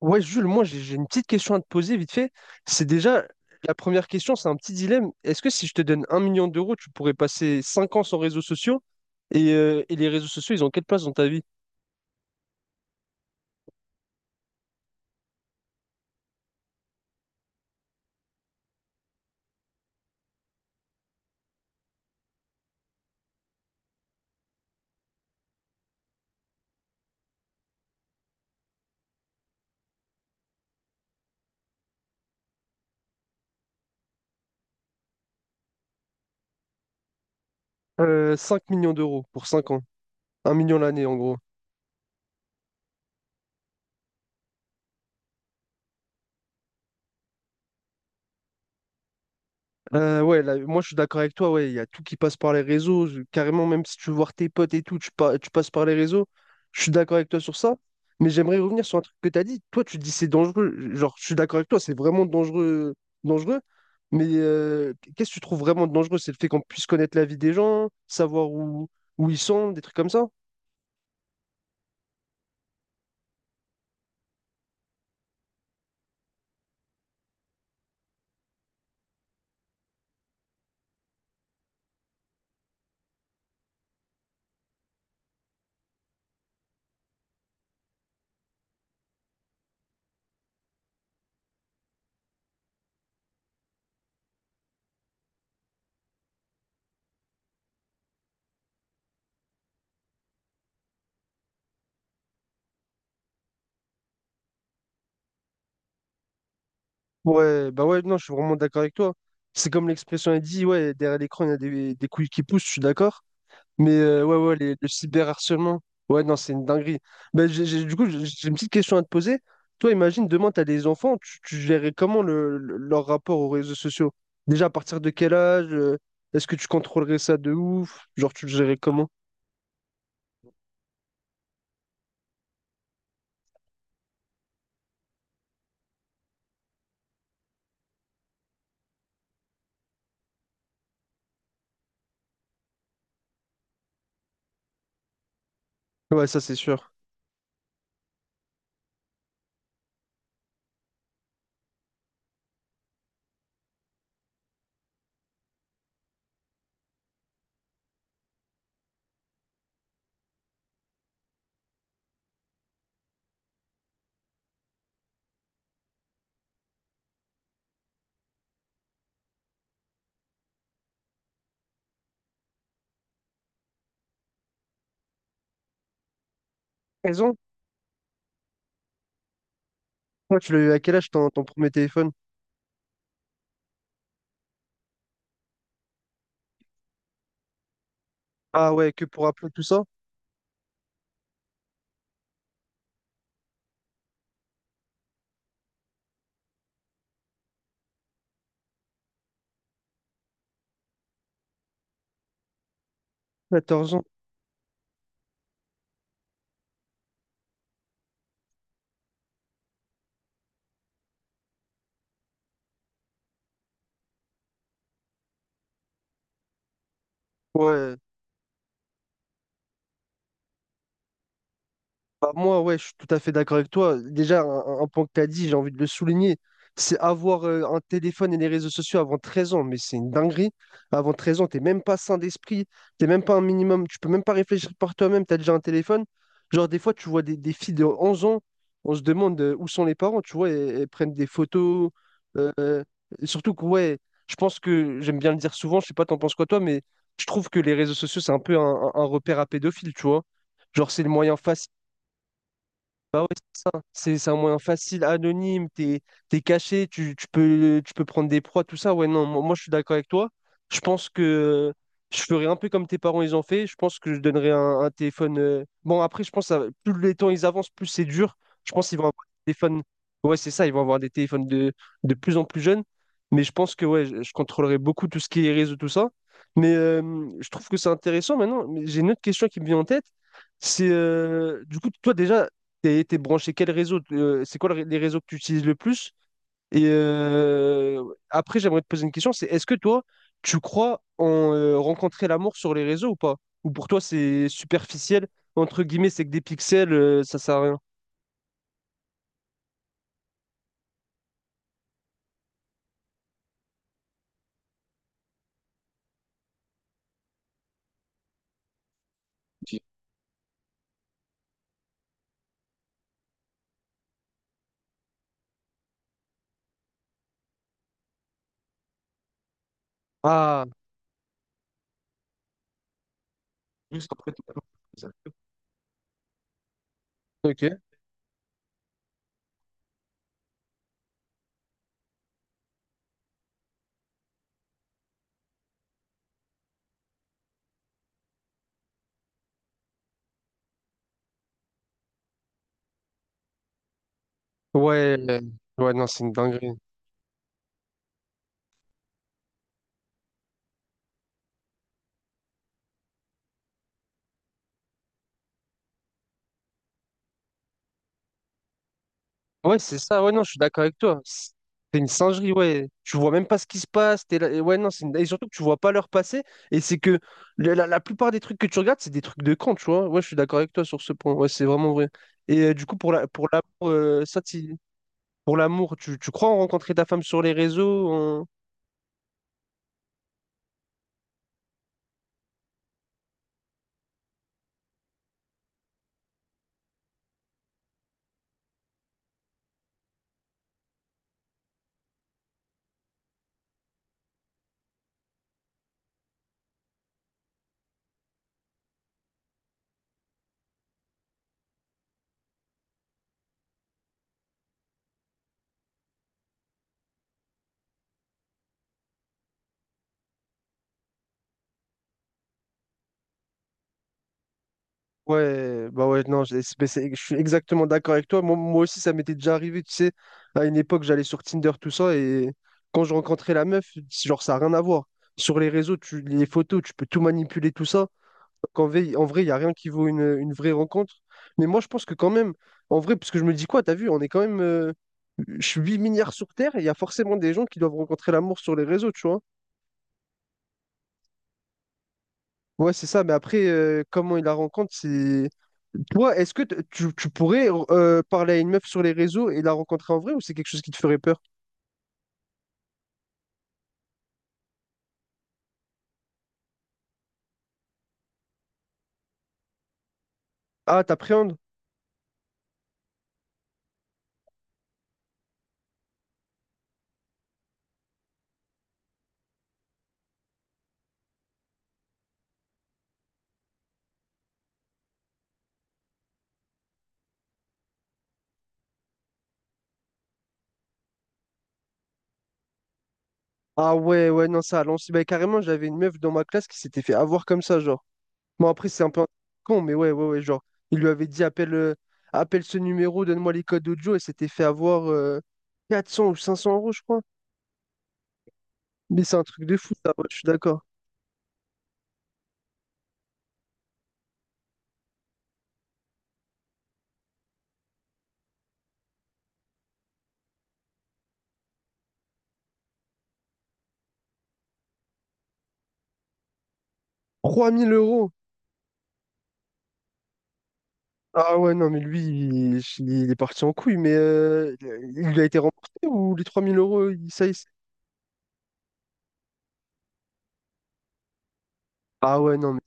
Ouais, Jules, moi j'ai une petite question à te poser vite fait. C'est déjà la première question, c'est un petit dilemme. Est-ce que si je te donne 1 million d'euros, tu pourrais passer 5 ans sans réseaux sociaux? Et les réseaux sociaux, ils ont quelle place dans ta vie? 5 millions d'euros pour 5 ans. 1 million l'année en gros. Ouais, là, moi je suis d'accord avec toi, ouais, il y a tout qui passe par les réseaux, carrément même si tu veux voir tes potes et tout, tu passes par les réseaux, je suis d'accord avec toi sur ça, mais j'aimerais revenir sur un truc que tu as dit, toi tu dis c'est dangereux, genre je suis d'accord avec toi, c'est vraiment dangereux, dangereux, mais qu'est-ce que tu trouves vraiment dangereux? C'est le fait qu'on puisse connaître la vie des gens, savoir où ils sont, des trucs comme ça? Ouais, bah ouais, non, je suis vraiment d'accord avec toi. C'est comme l'expression a dit, ouais, derrière l'écran il y a des couilles qui poussent, je suis d'accord. Mais ouais, ouais, le cyberharcèlement. Ouais, non, c'est une dinguerie. Ben, du coup, j'ai une petite question à te poser. Toi, imagine, demain, tu as des enfants, tu gérerais comment leur rapport aux réseaux sociaux? Déjà, à partir de quel âge? Est-ce que tu contrôlerais ça de ouf? Genre, tu le gérerais comment? Ouais, ça, c'est sûr. Toi, tu l'as eu à quel âge ton premier téléphone? Ah ouais, que pour appeler tout ça? 14 ans. Ouais, bah, moi, ouais, je suis tout à fait d'accord avec toi. Déjà, un point que tu as dit, j'ai envie de le souligner, c'est avoir un téléphone et les réseaux sociaux avant 13 ans, mais c'est une dinguerie. Avant 13 ans, t'es même pas sain d'esprit, t'es même pas un minimum, tu peux même pas réfléchir par toi-même, tu as déjà un téléphone. Genre, des fois, tu vois des filles de 11 ans, on se demande où sont les parents, tu vois, elles prennent des photos. euh, euh, et surtout que, ouais, je pense que, j'aime bien le dire souvent, je sais pas, t'en penses quoi toi, mais je trouve que les réseaux sociaux, c'est un peu un, un repère à pédophiles, tu vois. Genre, c'est le moyen ça. C'est un moyen facile, anonyme, t'es caché, tu peux prendre des proies, tout ça. Ouais, non, moi, moi, je suis d'accord avec toi. Je pense que je ferais un peu comme tes parents, ils ont fait. Je pense que je donnerais un téléphone. Bon, après, je pense que ça plus les temps ils avancent, plus c'est dur. Je pense qu'ils vont avoir des téléphones. Ouais, c'est ça, ils vont avoir des téléphones de plus en plus jeunes. Mais je pense que ouais, je contrôlerai beaucoup tout ce qui est réseau, tout ça. Mais je trouve que c'est intéressant maintenant. Mais j'ai une autre question qui me vient en tête. C'est du coup, toi déjà, t'es branché quel réseau? C'est quoi le les réseaux que tu utilises le plus? Et euh, après, j'aimerais te poser une question, c'est est-ce que toi, tu crois en rencontrer l'amour sur les réseaux ou pas? Ou pour toi, c'est superficiel, entre guillemets, c'est que des pixels, ça sert à rien. Ah, juste après tout ok. Ouais, ouais, non, c'est une dinguerie. Ouais, c'est ça. Ouais, non, je suis d'accord avec toi. C'est une singerie, ouais. Tu vois même pas ce qui se passe. T'es là- et Ouais, non, Et surtout que tu vois pas l'heure passer. Et c'est que la plupart des trucs que tu regardes, c'est des trucs de con, tu vois. Ouais, je suis d'accord avec toi sur ce point. Ouais, c'est vraiment vrai. Du coup, pour pour l'amour, tu crois en rencontrer ta femme sur les réseaux? Ouais, bah ouais, non, je suis exactement d'accord avec toi. Moi, moi aussi, ça m'était déjà arrivé, tu sais, à une époque, j'allais sur Tinder, tout ça, et quand je rencontrais la meuf, genre, ça n'a rien à voir. Sur les réseaux, les photos, tu peux tout manipuler, tout ça. Donc, en vrai, il n'y a rien qui vaut une vraie rencontre. Mais moi, je pense que quand même, en vrai, parce que je me dis quoi, t'as vu, on est quand même 8 milliards sur Terre, et il y a forcément des gens qui doivent rencontrer l'amour sur les réseaux, tu vois. Ouais, c'est ça, mais après, comment il la rencontre, c'est... Toi, est-ce que tu pourrais parler à une meuf sur les réseaux et la rencontrer en vrai ou c'est quelque chose qui te ferait peur? Ah, t'appréhendes? Ah ouais, ouais, non, ça, à l'ancienne, bah, carrément, j'avais une meuf dans ma classe qui s'était fait avoir comme ça, genre. Bon, après, c'est un peu un con, mais ouais, ouais, ouais, genre, il lui avait dit, appelle ce numéro, donne-moi les codes audio, et s'était fait avoir 400 ou 500 euros, je crois. Mais c'est un truc de fou, ça, ouais, je suis d'accord. 3 000 euros! Ah ouais, non, mais lui, il est parti en couille, mais il a été remboursé ou les 3000 euros. Ah ouais, non, mais...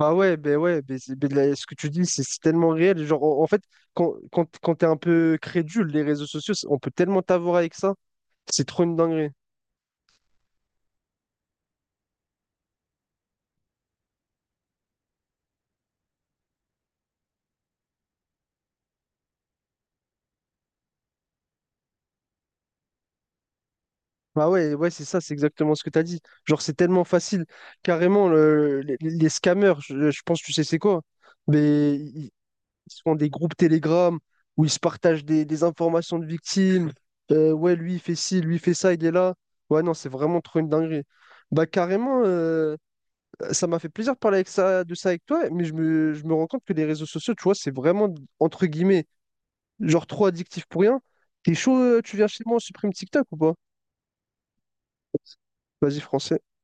Ah ouais, ben ben là, ce que tu dis, c'est tellement réel. Genre, en fait, quand t'es un peu crédule, les réseaux sociaux, on peut tellement t'avoir avec ça, c'est trop une dinguerie. Ah ouais, ouais, c'est ça, c'est exactement ce que t'as dit. Genre, c'est tellement facile. Carrément, les scammers, je pense, tu sais, c'est quoi? Mais Ils se font des groupes Telegram où ils se partagent des informations de victimes. Ouais, lui, il fait ci, lui, il fait ça, il est là. Ouais, non, c'est vraiment trop une dinguerie. Bah, carrément, ça m'a fait plaisir de parler de ça avec toi, mais je me rends compte que les réseaux sociaux, tu vois, c'est vraiment, entre guillemets, genre trop addictif pour rien. T'es chaud, tu viens chez moi, on supprime TikTok ou pas? Vas-y, français.